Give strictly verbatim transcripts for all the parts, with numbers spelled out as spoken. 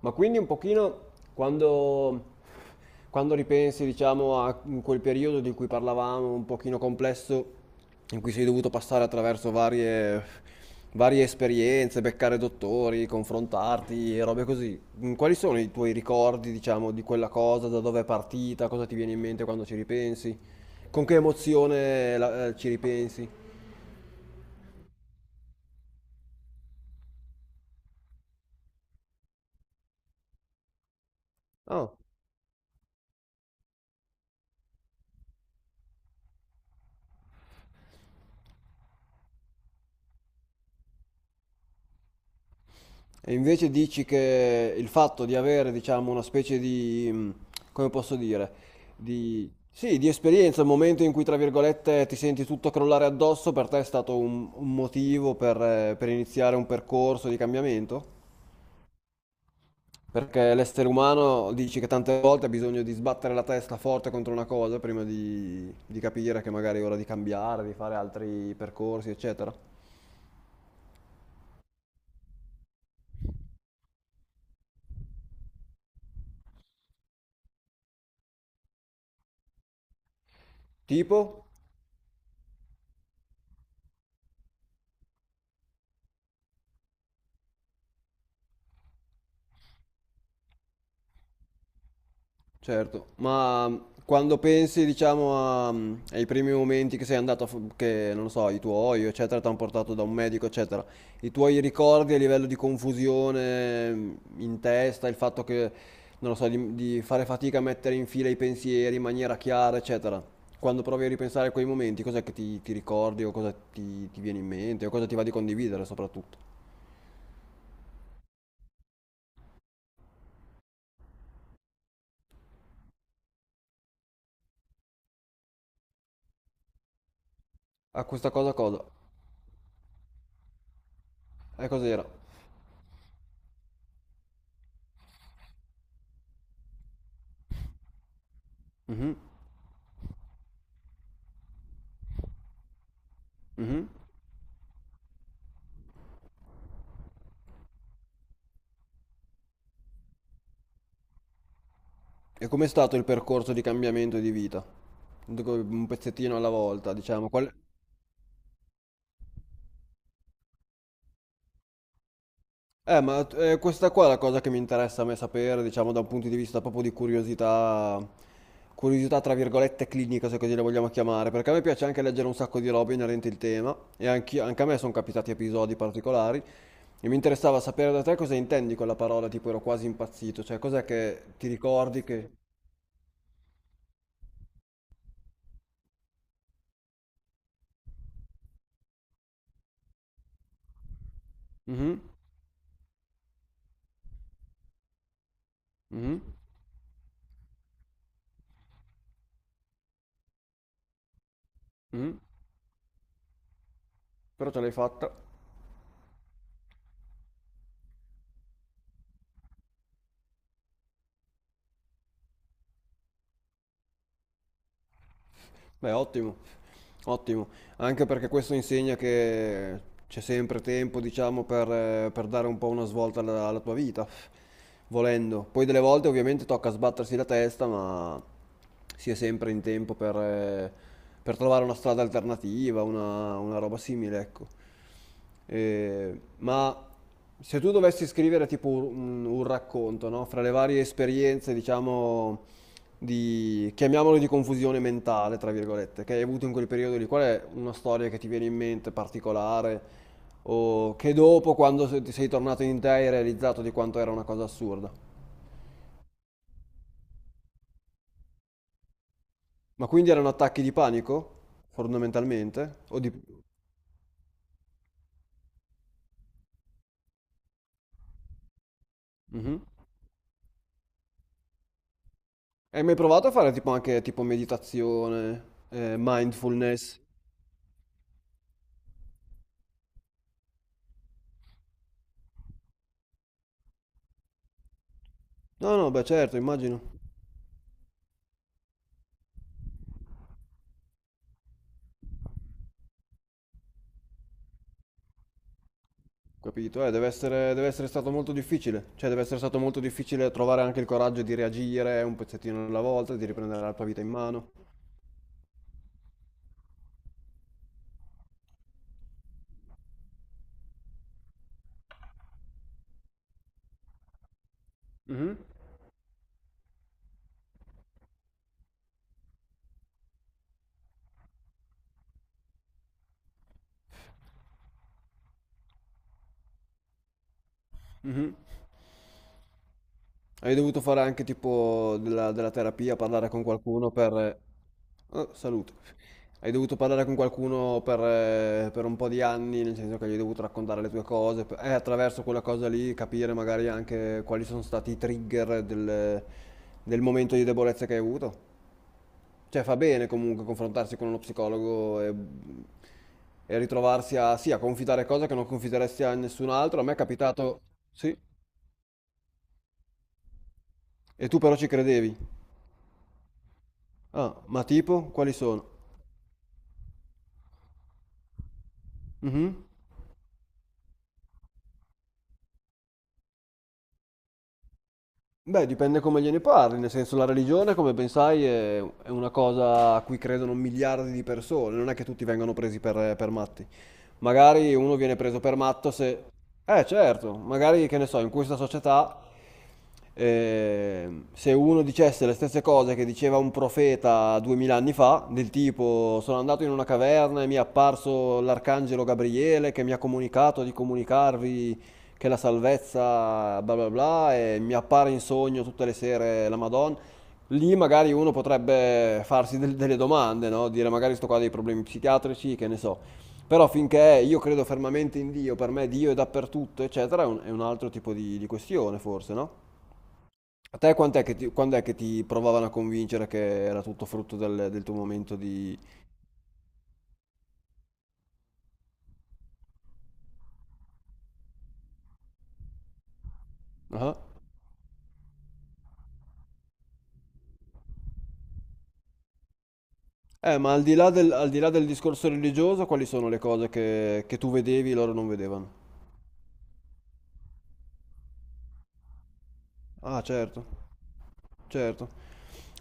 Ma quindi un pochino quando, quando ripensi, diciamo, a quel periodo di cui parlavamo, un pochino complesso, in cui sei dovuto passare attraverso varie, varie esperienze, beccare dottori, confrontarti e robe così. Mm, quali sono i tuoi ricordi, diciamo, di quella cosa, da dove è partita, cosa ti viene in mente quando ci ripensi, con che emozione la- eh, ci ripensi? Ah. E invece dici che il fatto di avere, diciamo, una specie di, mh, come posso dire, di, sì, di esperienza, il momento in cui, tra virgolette, ti senti tutto crollare addosso, per te è stato un, un motivo per, eh, per iniziare un percorso di cambiamento? Perché l'essere umano dici che tante volte ha bisogno di sbattere la testa forte contro una cosa prima di, di capire che magari è ora di cambiare, di fare altri percorsi, eccetera. Tipo? Certo, ma mh, quando pensi, diciamo, a, mh, ai primi momenti che sei andato, a f- che non lo so, i tuoi, eccetera, ti hanno portato da un medico, eccetera, i tuoi ricordi a livello di confusione mh, in testa, il fatto che, non lo so, di, di fare fatica a mettere in fila i pensieri in maniera chiara, eccetera, quando provi a ripensare a quei momenti, cos'è che ti, ti ricordi o cosa ti, ti viene in mente o cosa ti va di condividere soprattutto? A questa cosa cosa? E cos'era? Mhm, mhm. E com'è stato il percorso di cambiamento di vita? Dico, un pezzettino alla volta, diciamo. Qual... Eh, ma eh, questa qua è la cosa che mi interessa a me sapere, diciamo, da un punto di vista proprio di curiosità, curiosità tra virgolette clinica, se così la vogliamo chiamare, perché a me piace anche leggere un sacco di robe inerenti il tema, e anch'io- anche a me sono capitati episodi particolari, e mi interessava sapere da te cosa intendi con la parola, tipo ero quasi impazzito, cioè cos'è che ti ricordi che... Mhm, mhm, mhm, però ce l'hai fatta. Beh, ottimo, ottimo, anche perché questo insegna che c'è sempre tempo, diciamo, per, eh, per dare un po' una svolta alla, alla tua vita, volendo. Poi delle volte ovviamente tocca sbattersi la testa, ma si è sempre in tempo per, eh, per trovare una strada alternativa, una, una roba simile, ecco. Eh, ma se tu dovessi scrivere tipo un, un racconto, no? Fra le varie esperienze, diciamo di, chiamiamolo di confusione mentale, tra virgolette, che hai avuto in quel periodo lì? Qual è una storia che ti viene in mente particolare o che dopo, quando se- ti sei tornato in te, hai realizzato di quanto era una cosa assurda? Ma quindi erano attacchi di panico, fondamentalmente? O di... Mhm. Hai mai provato a fare tipo anche tipo meditazione, eh, mindfulness? No, no, beh certo, immagino. Capito? Eh, deve essere, deve essere stato molto difficile. Cioè, deve essere stato molto difficile trovare anche il coraggio di reagire un pezzettino alla volta, di riprendere la tua vita in mano. Mhm, mhm. Hai dovuto fare anche tipo della, della terapia, parlare con qualcuno per... eh, ah, salute. Hai dovuto parlare con qualcuno per, eh, per un po' di anni, nel senso che gli hai dovuto raccontare le tue cose, per- e attraverso quella cosa lì capire magari anche quali sono stati i trigger del, del momento di debolezza che hai avuto. Cioè fa bene comunque confrontarsi con uno psicologo e, e ritrovarsi a, sì, a confidare cose che non confideresti a nessun altro. A me è capitato, sì, e tu però ci credevi. Ah, ma tipo, quali sono? Mhm. Beh, dipende come gliene parli, nel senso la religione, come ben sai, è, è una cosa a cui credono miliardi di persone, non è che tutti vengono presi per per matti. Magari uno viene preso per matto se... Eh certo, magari che ne so, in questa società eh, se uno dicesse le stesse cose che diceva un profeta duemila anni fa, del tipo sono andato in una caverna e mi è apparso l'arcangelo Gabriele che mi ha comunicato di comunicarvi che la salvezza bla bla bla e mi appare in sogno tutte le sere la Madonna, lì magari uno potrebbe farsi del- delle domande, no? Dire magari sto qua ha dei problemi psichiatrici, che ne so. Però finché io credo fermamente in Dio, per me Dio è dappertutto, eccetera, è un, è un altro tipo di, di questione, forse, no? A te quant'è che ti, quando è che ti provavano a convincere che era tutto frutto del, del tuo momento di... Ah. Eh, ma al di là del, al di là del discorso religioso, quali sono le cose che, che tu vedevi e loro non vedevano? Ah, certo. Certo.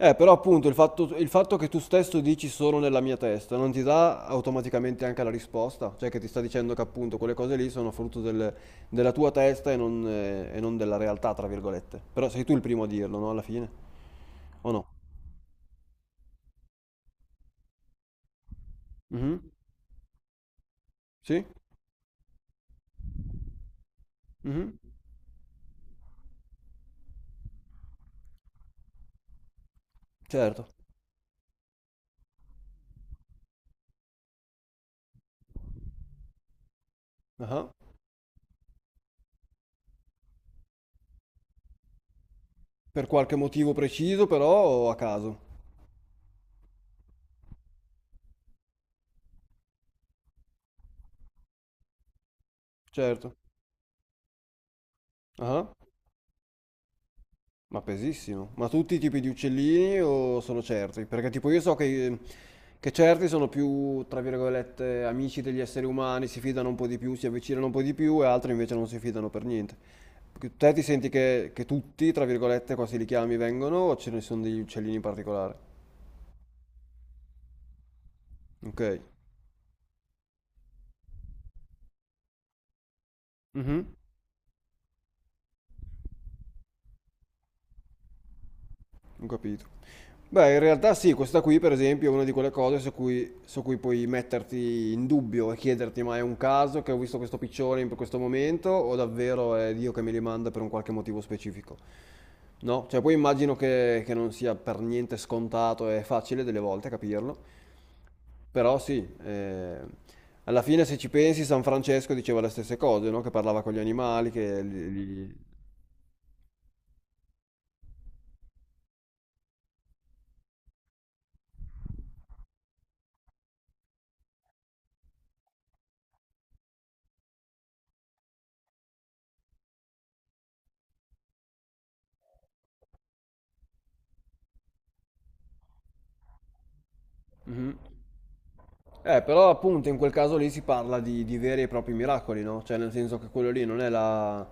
Eh, però appunto il fatto, il fatto che tu stesso dici solo nella mia testa non ti dà automaticamente anche la risposta, cioè che ti sta dicendo che appunto quelle cose lì sono frutto del- della tua testa e non, eh, e non della realtà, tra virgolette. Però sei tu il primo a dirlo, no? Alla fine, o no? Mhm. Sì? Mhm. Certo. Ah. Per qualche motivo preciso, però o a caso. Certo. Ah. Ma pesissimo. Ma tutti i tipi di uccellini o solo certi? Perché tipo io so che, che certi sono più, tra virgolette, amici degli esseri umani, si fidano un po' di più, si avvicinano un po' di più e altri invece non si fidano per niente. Che- Te ti senti che, che tutti, tra virgolette, quasi li chiami, vengono o ce ne sono degli uccellini in particolare? Ok. Mhm, ho capito. Beh, in realtà sì, questa qui per esempio è una di quelle cose su cui, su cui puoi metterti in dubbio e chiederti ma è un caso che ho visto questo piccione in questo momento o davvero è Dio che me li manda per un qualche motivo specifico? No? Cioè poi immagino che, che non sia per niente scontato e facile delle volte capirlo, però sì, eh, alla fine se ci pensi San Francesco diceva le stesse cose, no? Che parlava con gli animali, che li... li- Mhm. Eh, però appunto in quel caso lì si parla di, di veri e propri miracoli, no? Cioè nel senso che quello lì non è la-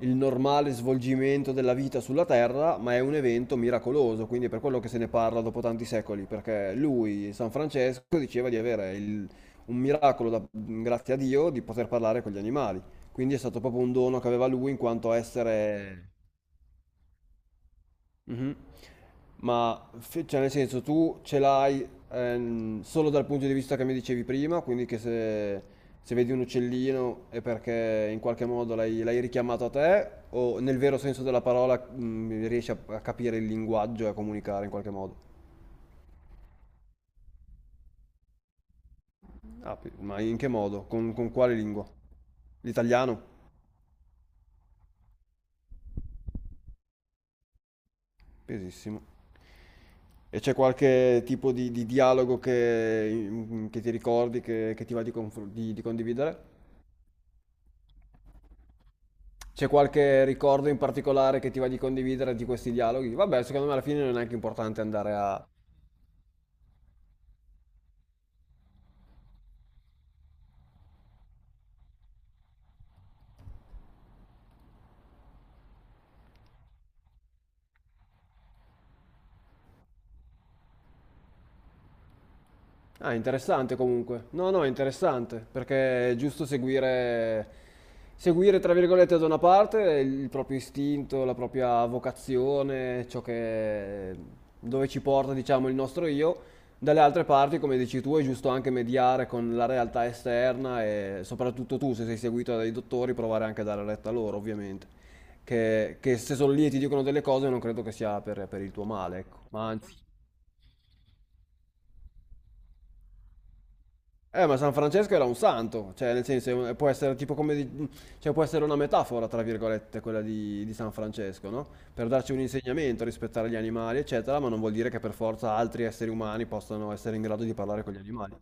il normale svolgimento della vita sulla Terra, ma è un evento miracoloso, quindi è per quello che se ne parla dopo tanti secoli, perché lui, San Francesco, diceva di avere il- un miracolo, da- grazie a Dio, di poter parlare con gli animali. Quindi è stato proprio un dono che aveva lui in quanto essere. Mhm. Ma fe- cioè, nel senso, tu ce l'hai ehm, solo dal punto di vista che mi dicevi prima, quindi che se, se vedi un uccellino è perché in qualche modo l'hai l'hai richiamato a te, o nel vero senso della parola mm, riesci a, a capire il linguaggio e a comunicare in qualche modo? Ah, pe- ma in che modo? Con, con quale lingua? L'italiano? Pesissimo. E c'è qualche tipo di, di dialogo che, mm, che ti ricordi, che, che ti va di confr- di- di condividere? C'è qualche ricordo in particolare che ti va di condividere di questi dialoghi? Vabbè, secondo me alla fine non è neanche importante andare a... Ah, interessante comunque. No, no, è interessante, perché è giusto seguire, seguire, tra virgolette, da una parte il proprio istinto, la propria vocazione, ciò che, dove ci porta, diciamo, il nostro io. Dalle altre parti, come dici tu, è giusto anche mediare con la realtà esterna e soprattutto tu, se sei seguito dai dottori, provare anche a dare retta a loro, ovviamente. Che, che se sono lì e ti dicono delle cose, non credo che sia per, per il tuo male, ecco. Ma anzi. Eh, ma San Francesco era un santo, cioè nel senso eh, può essere tipo come di- cioè, può essere una metafora, tra virgolette, quella di, di San Francesco, no? Per darci un insegnamento, rispettare gli animali, eccetera, ma non vuol dire che per forza altri esseri umani possano essere in grado di parlare con gli animali.